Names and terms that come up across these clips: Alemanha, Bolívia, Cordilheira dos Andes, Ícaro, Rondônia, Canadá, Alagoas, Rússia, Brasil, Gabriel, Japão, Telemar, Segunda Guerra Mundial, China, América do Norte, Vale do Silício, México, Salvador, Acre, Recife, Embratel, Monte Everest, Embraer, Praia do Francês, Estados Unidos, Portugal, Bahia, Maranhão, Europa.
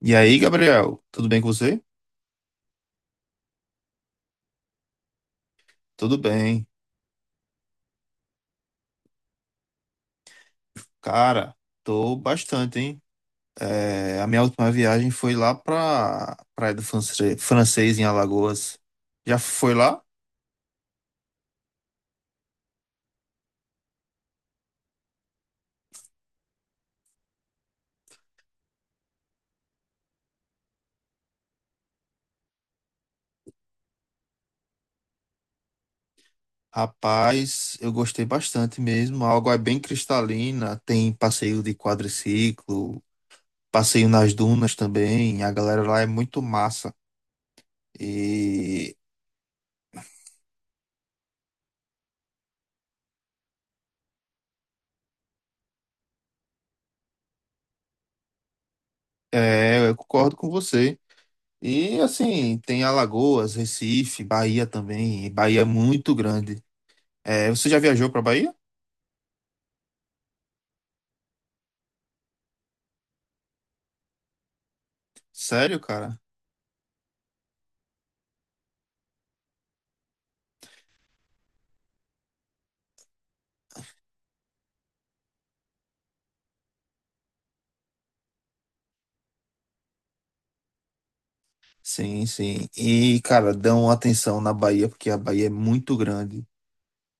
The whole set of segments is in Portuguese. E aí, Gabriel, tudo bem com você? Tudo bem. Cara, tô bastante, hein? É, a minha última viagem foi lá pra Praia do Francês, em Alagoas. Já foi lá? Rapaz, eu gostei bastante mesmo. A água é bem cristalina, tem passeio de quadriciclo, passeio nas dunas também. A galera lá é muito massa. E é, eu concordo com você. E assim, tem Alagoas, Recife, Bahia também. E Bahia é muito grande. É, você já viajou pra Bahia? Sério, cara? Sim, sim. E, cara, dão atenção na Bahia, porque a Bahia é muito grande.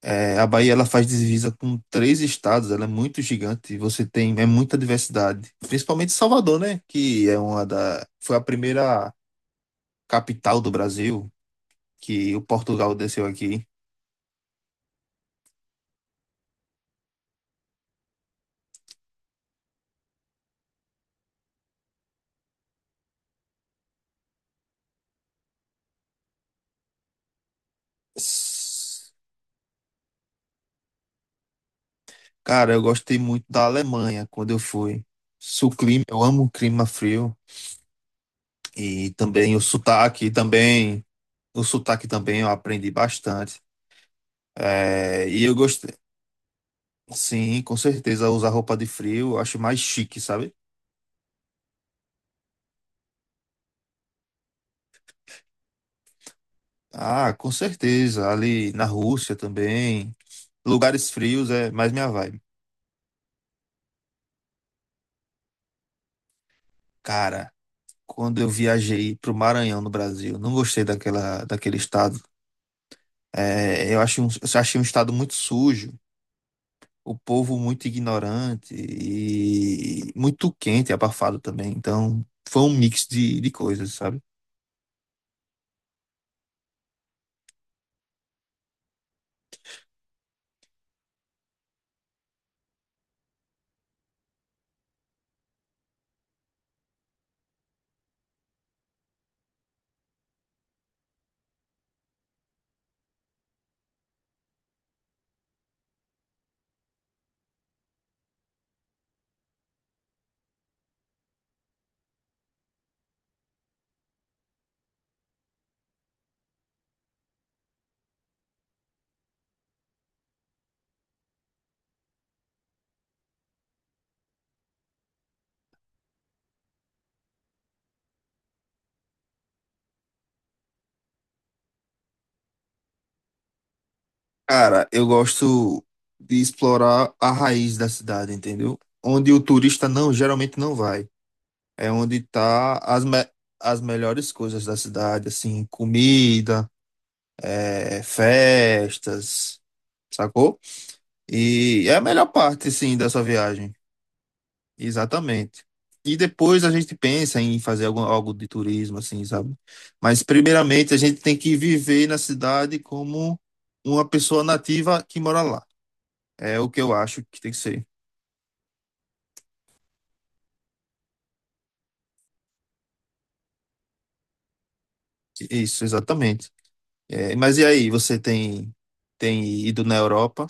É, a Bahia ela faz divisa com 3 estados, ela é muito gigante e você tem é muita diversidade. Principalmente Salvador, né? Que é uma da foi a primeira capital do Brasil que o Portugal desceu aqui. Cara, eu gostei muito da Alemanha quando eu fui. Se o clima, eu amo o clima frio e também o sotaque também, eu aprendi bastante. É, e eu gostei, sim, com certeza usar roupa de frio, eu acho mais chique, sabe? Ah, com certeza, ali na Rússia também, lugares frios é mais minha vibe. Cara, quando eu viajei pro Maranhão no Brasil, não gostei daquela daquele estado. É, eu achei um estado muito sujo. O povo muito ignorante e muito quente e abafado também. Então, foi um mix de coisas, sabe? Cara, eu gosto de explorar a raiz da cidade, entendeu? Onde o turista não, geralmente não vai. É onde tá as, me as melhores coisas da cidade, assim, comida, é, festas, sacou? E é a melhor parte, sim, dessa viagem. Exatamente. E depois a gente pensa em fazer algo de turismo, assim, sabe? Mas primeiramente a gente tem que viver na cidade como uma pessoa nativa que mora lá. É o que eu acho que tem que ser. Isso, exatamente. É, mas e aí, tem ido na Europa?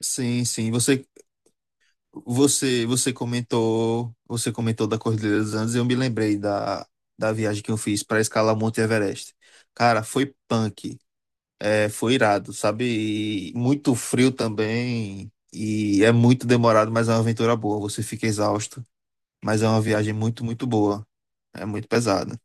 Sim, sim. Você comentou da Cordilheira dos Andes e eu me lembrei da viagem que eu fiz para escalar Monte Everest. Cara, foi punk. É, foi irado, sabe? E muito frio também. E é muito demorado, mas é uma aventura boa. Você fica exausto, mas é uma viagem muito, muito boa. É muito pesada.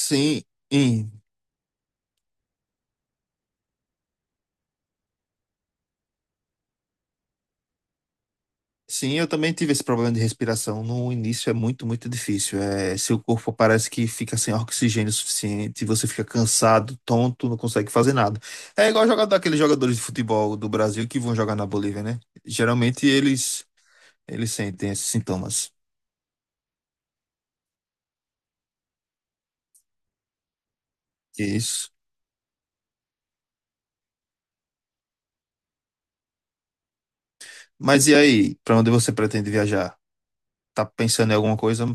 Sim, e- sim, eu também tive esse problema de respiração. No início é muito, muito difícil. É, seu corpo parece que fica sem oxigênio suficiente, você fica cansado, tonto, não consegue fazer nada. É igual jogar daqueles jogadores de futebol do Brasil que vão jogar na Bolívia, né? Geralmente eles sentem esses sintomas. Isso. Mas e aí, pra onde você pretende viajar? Tá pensando em alguma coisa?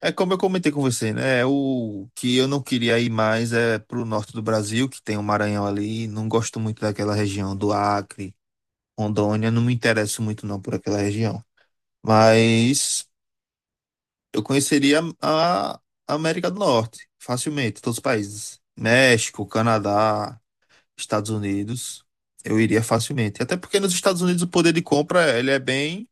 É como eu comentei com você, né? É o que eu não queria ir mais é pro norte do Brasil, que tem o Maranhão ali. Não gosto muito daquela região do Acre, Rondônia. Não me interesso muito não por aquela região. Mas eu conheceria a América do Norte facilmente, todos os países. México, Canadá, Estados Unidos. Eu iria facilmente. Até porque nos Estados Unidos o poder de compra, ele é bem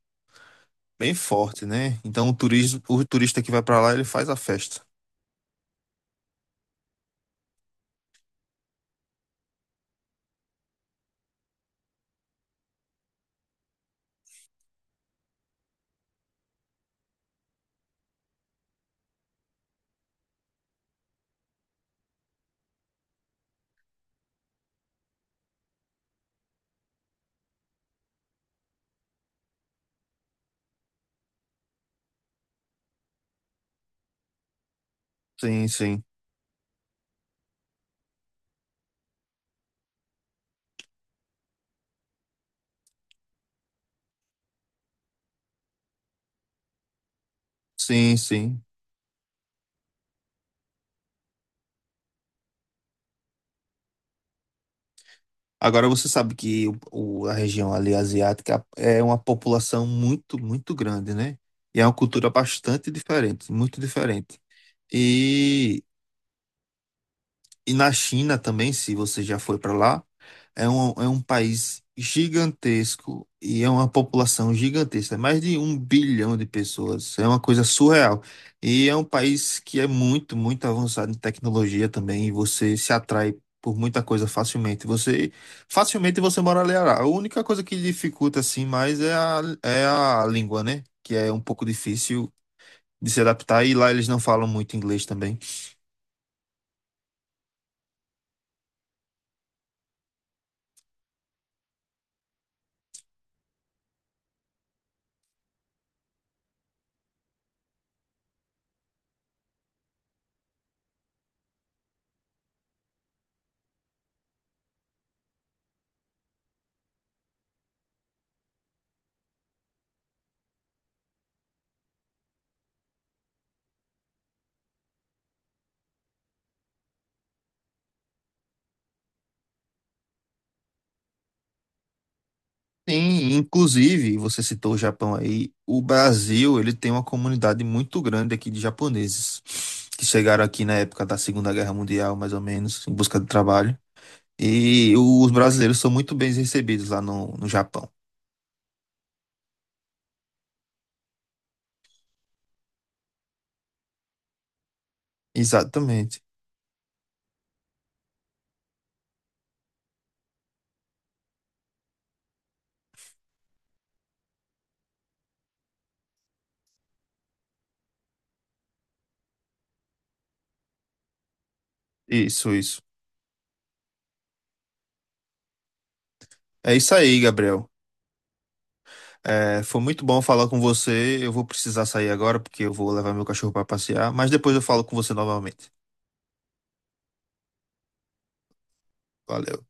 bem forte, né? Então o turismo, o turista que vai pra lá, ele faz a festa. Sim, sim. Sim, sim. Agora você sabe que a região ali asiática é uma população muito, muito grande, né? E é uma cultura bastante diferente, muito diferente. E E na China também, se você já foi para lá, é um país gigantesco e é uma população gigantesca, é mais de 1 bilhão de pessoas, é uma coisa surreal. E é um país que é muito, muito avançado em tecnologia também, e você se atrai por muita coisa facilmente. Você facilmente você mora ali. A única coisa que dificulta assim mais é é a língua, né? Que é um pouco difícil de se adaptar e lá eles não falam muito inglês também. Sim, inclusive, você citou o Japão aí, o Brasil, ele tem uma comunidade muito grande aqui de japoneses que chegaram aqui na época da Segunda Guerra Mundial, mais ou menos, em busca de trabalho. E os brasileiros são muito bem recebidos lá no Japão. Exatamente. Isso, isso. É isso aí, Gabriel. É, foi muito bom falar com você. Eu vou precisar sair agora porque eu vou levar meu cachorro para passear, mas depois eu falo com você novamente. Valeu.